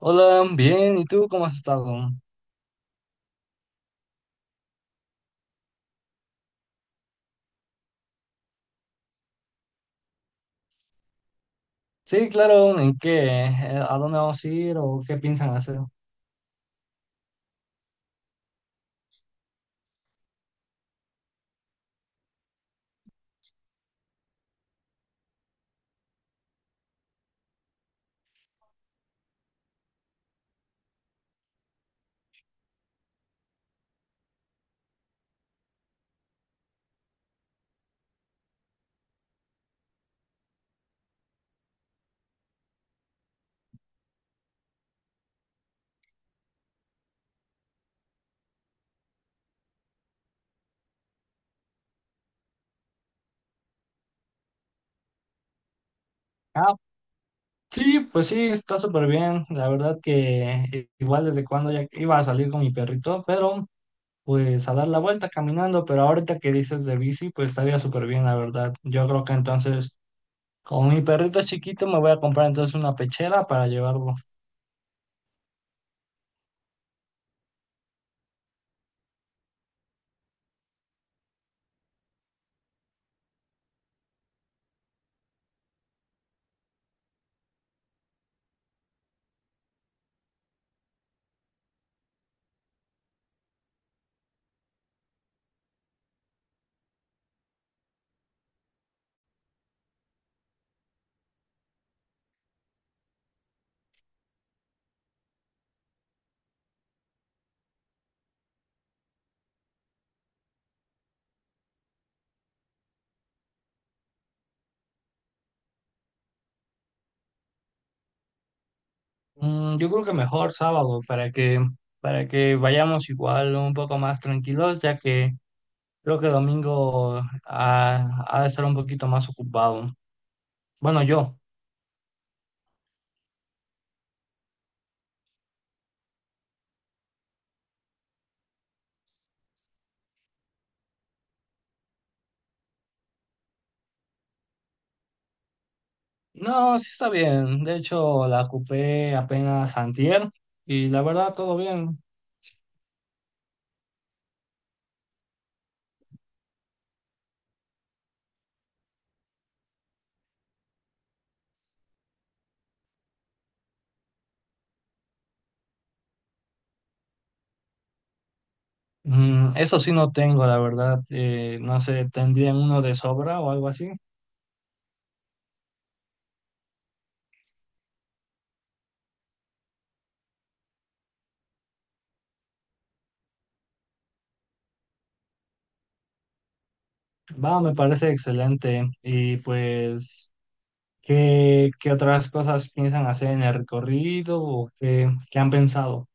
Hola, bien, ¿y tú cómo has estado? Sí, claro, ¿en qué? ¿A dónde vamos a ir o qué piensan hacer? Ah, sí, pues sí, está súper bien. La verdad que igual desde cuando ya iba a salir con mi perrito, pero pues a dar la vuelta caminando, pero ahorita que dices de bici, pues estaría súper bien, la verdad. Yo creo que entonces, como mi perrito es chiquito, me voy a comprar entonces una pechera para llevarlo. Mm, yo creo que mejor sábado para que vayamos igual un poco más tranquilos, ya que... Creo que domingo ha de estar un poquito más ocupado. Bueno, yo. No, sí está bien. De hecho, la ocupé apenas antier y la verdad, todo bien. Mm, eso sí no tengo, la verdad. No sé, ¿tendrían uno de sobra o algo así? Va, me parece excelente. Y pues, ¿qué otras cosas piensan hacer en el recorrido o qué han pensado?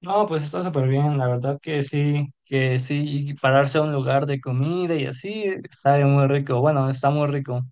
No, pues está súper bien, la verdad que sí, y pararse a un lugar de comida y así, sabe muy rico, bueno, está muy rico.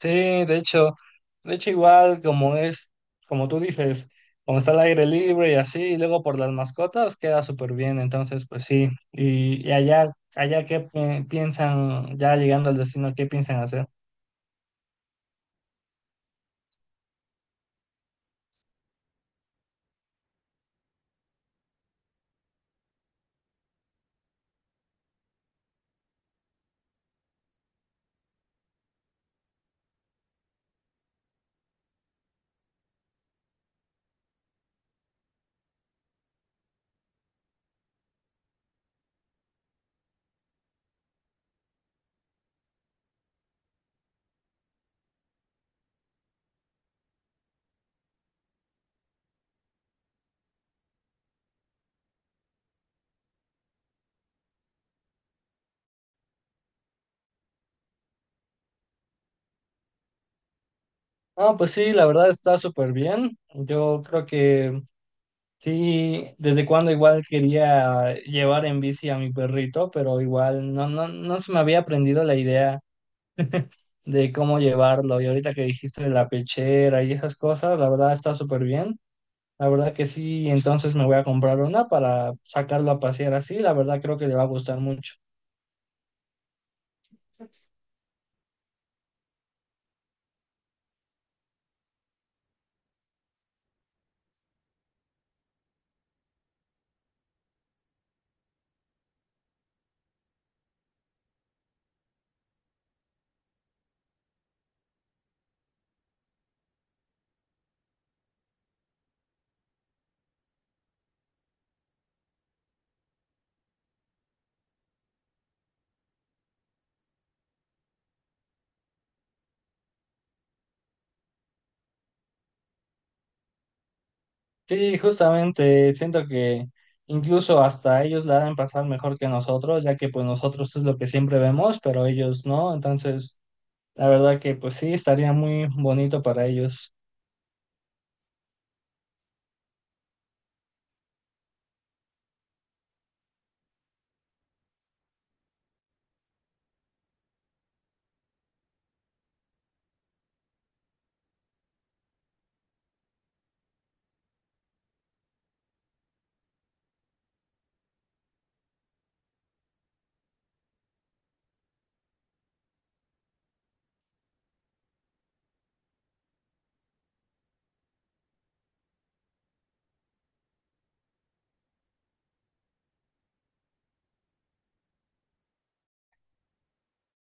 Sí, de hecho igual como es, como tú dices, como está al aire libre y así, y luego por las mascotas queda súper bien, entonces pues sí, y allá, allá qué piensan, ya llegando al destino, qué piensan hacer. No, pues sí, la verdad está súper bien, yo creo que... Sí, desde cuando igual quería llevar en bici a mi perrito, pero igual no, no se me había aprendido la idea de cómo llevarlo. Y ahorita que dijiste de la pechera y esas cosas, la verdad está súper bien. La verdad que sí, entonces me voy a comprar una para sacarlo a pasear así. La verdad creo que le va a gustar mucho. Sí, justamente siento que incluso hasta ellos la deben pasar mejor que nosotros, ya que pues nosotros es lo que siempre vemos, pero ellos no. Entonces... La verdad que pues sí, estaría muy bonito para ellos.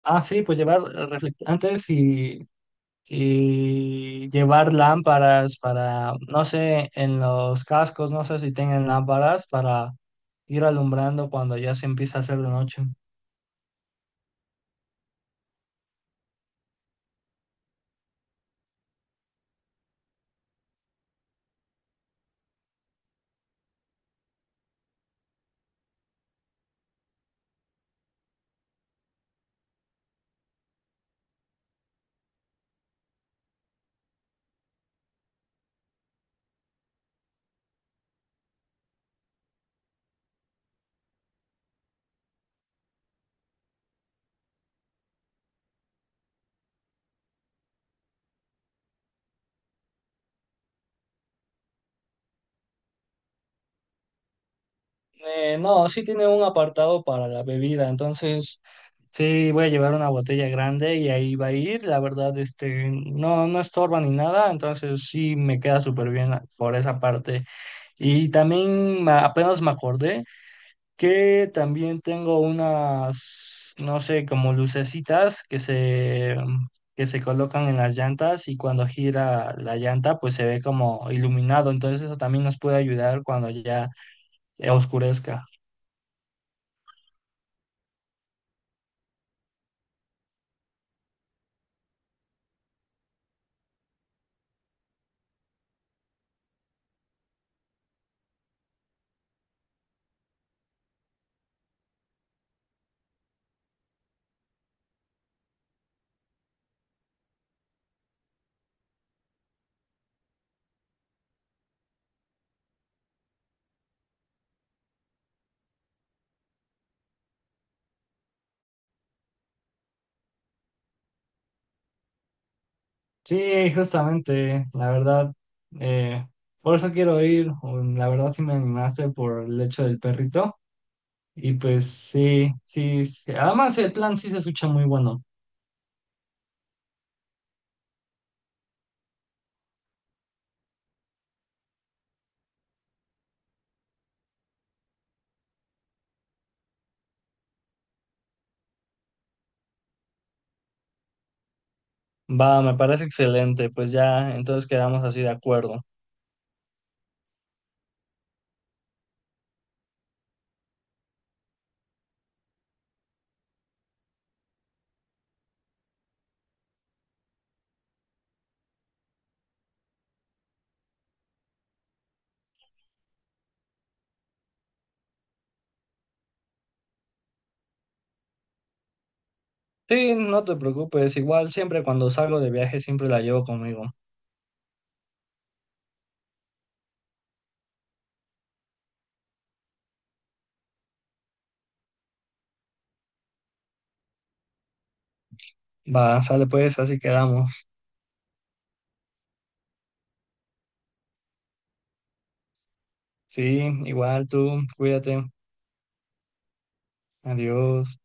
Ah, sí, pues llevar reflectantes y llevar lámparas para, no sé, en los cascos, no sé si tengan lámparas para ir alumbrando cuando ya se empieza a hacer de noche. No, sí tiene un apartado para la bebida, entonces sí voy a llevar una botella grande y ahí va a ir. La verdad, este, no, no estorba ni nada, entonces sí me queda súper bien por esa parte. Y también apenas me acordé que también tengo unas, no sé, como lucecitas que se colocan en las llantas y cuando gira la llanta pues se ve como iluminado. Entonces eso también nos puede ayudar cuando oscurezca. Sí, justamente, la verdad. eh, por eso quiero ir. La verdad sí me animaste por el hecho del perrito. Y pues sí, sí. sí. Además el plan sí se escucha muy bueno. Va, me parece excelente, pues ya entonces quedamos así de acuerdo. Sí, no te preocupes, igual siempre cuando salgo de viaje siempre la llevo conmigo. Va, sale pues, así quedamos. Sí, igual tú, cuídate. Adiós.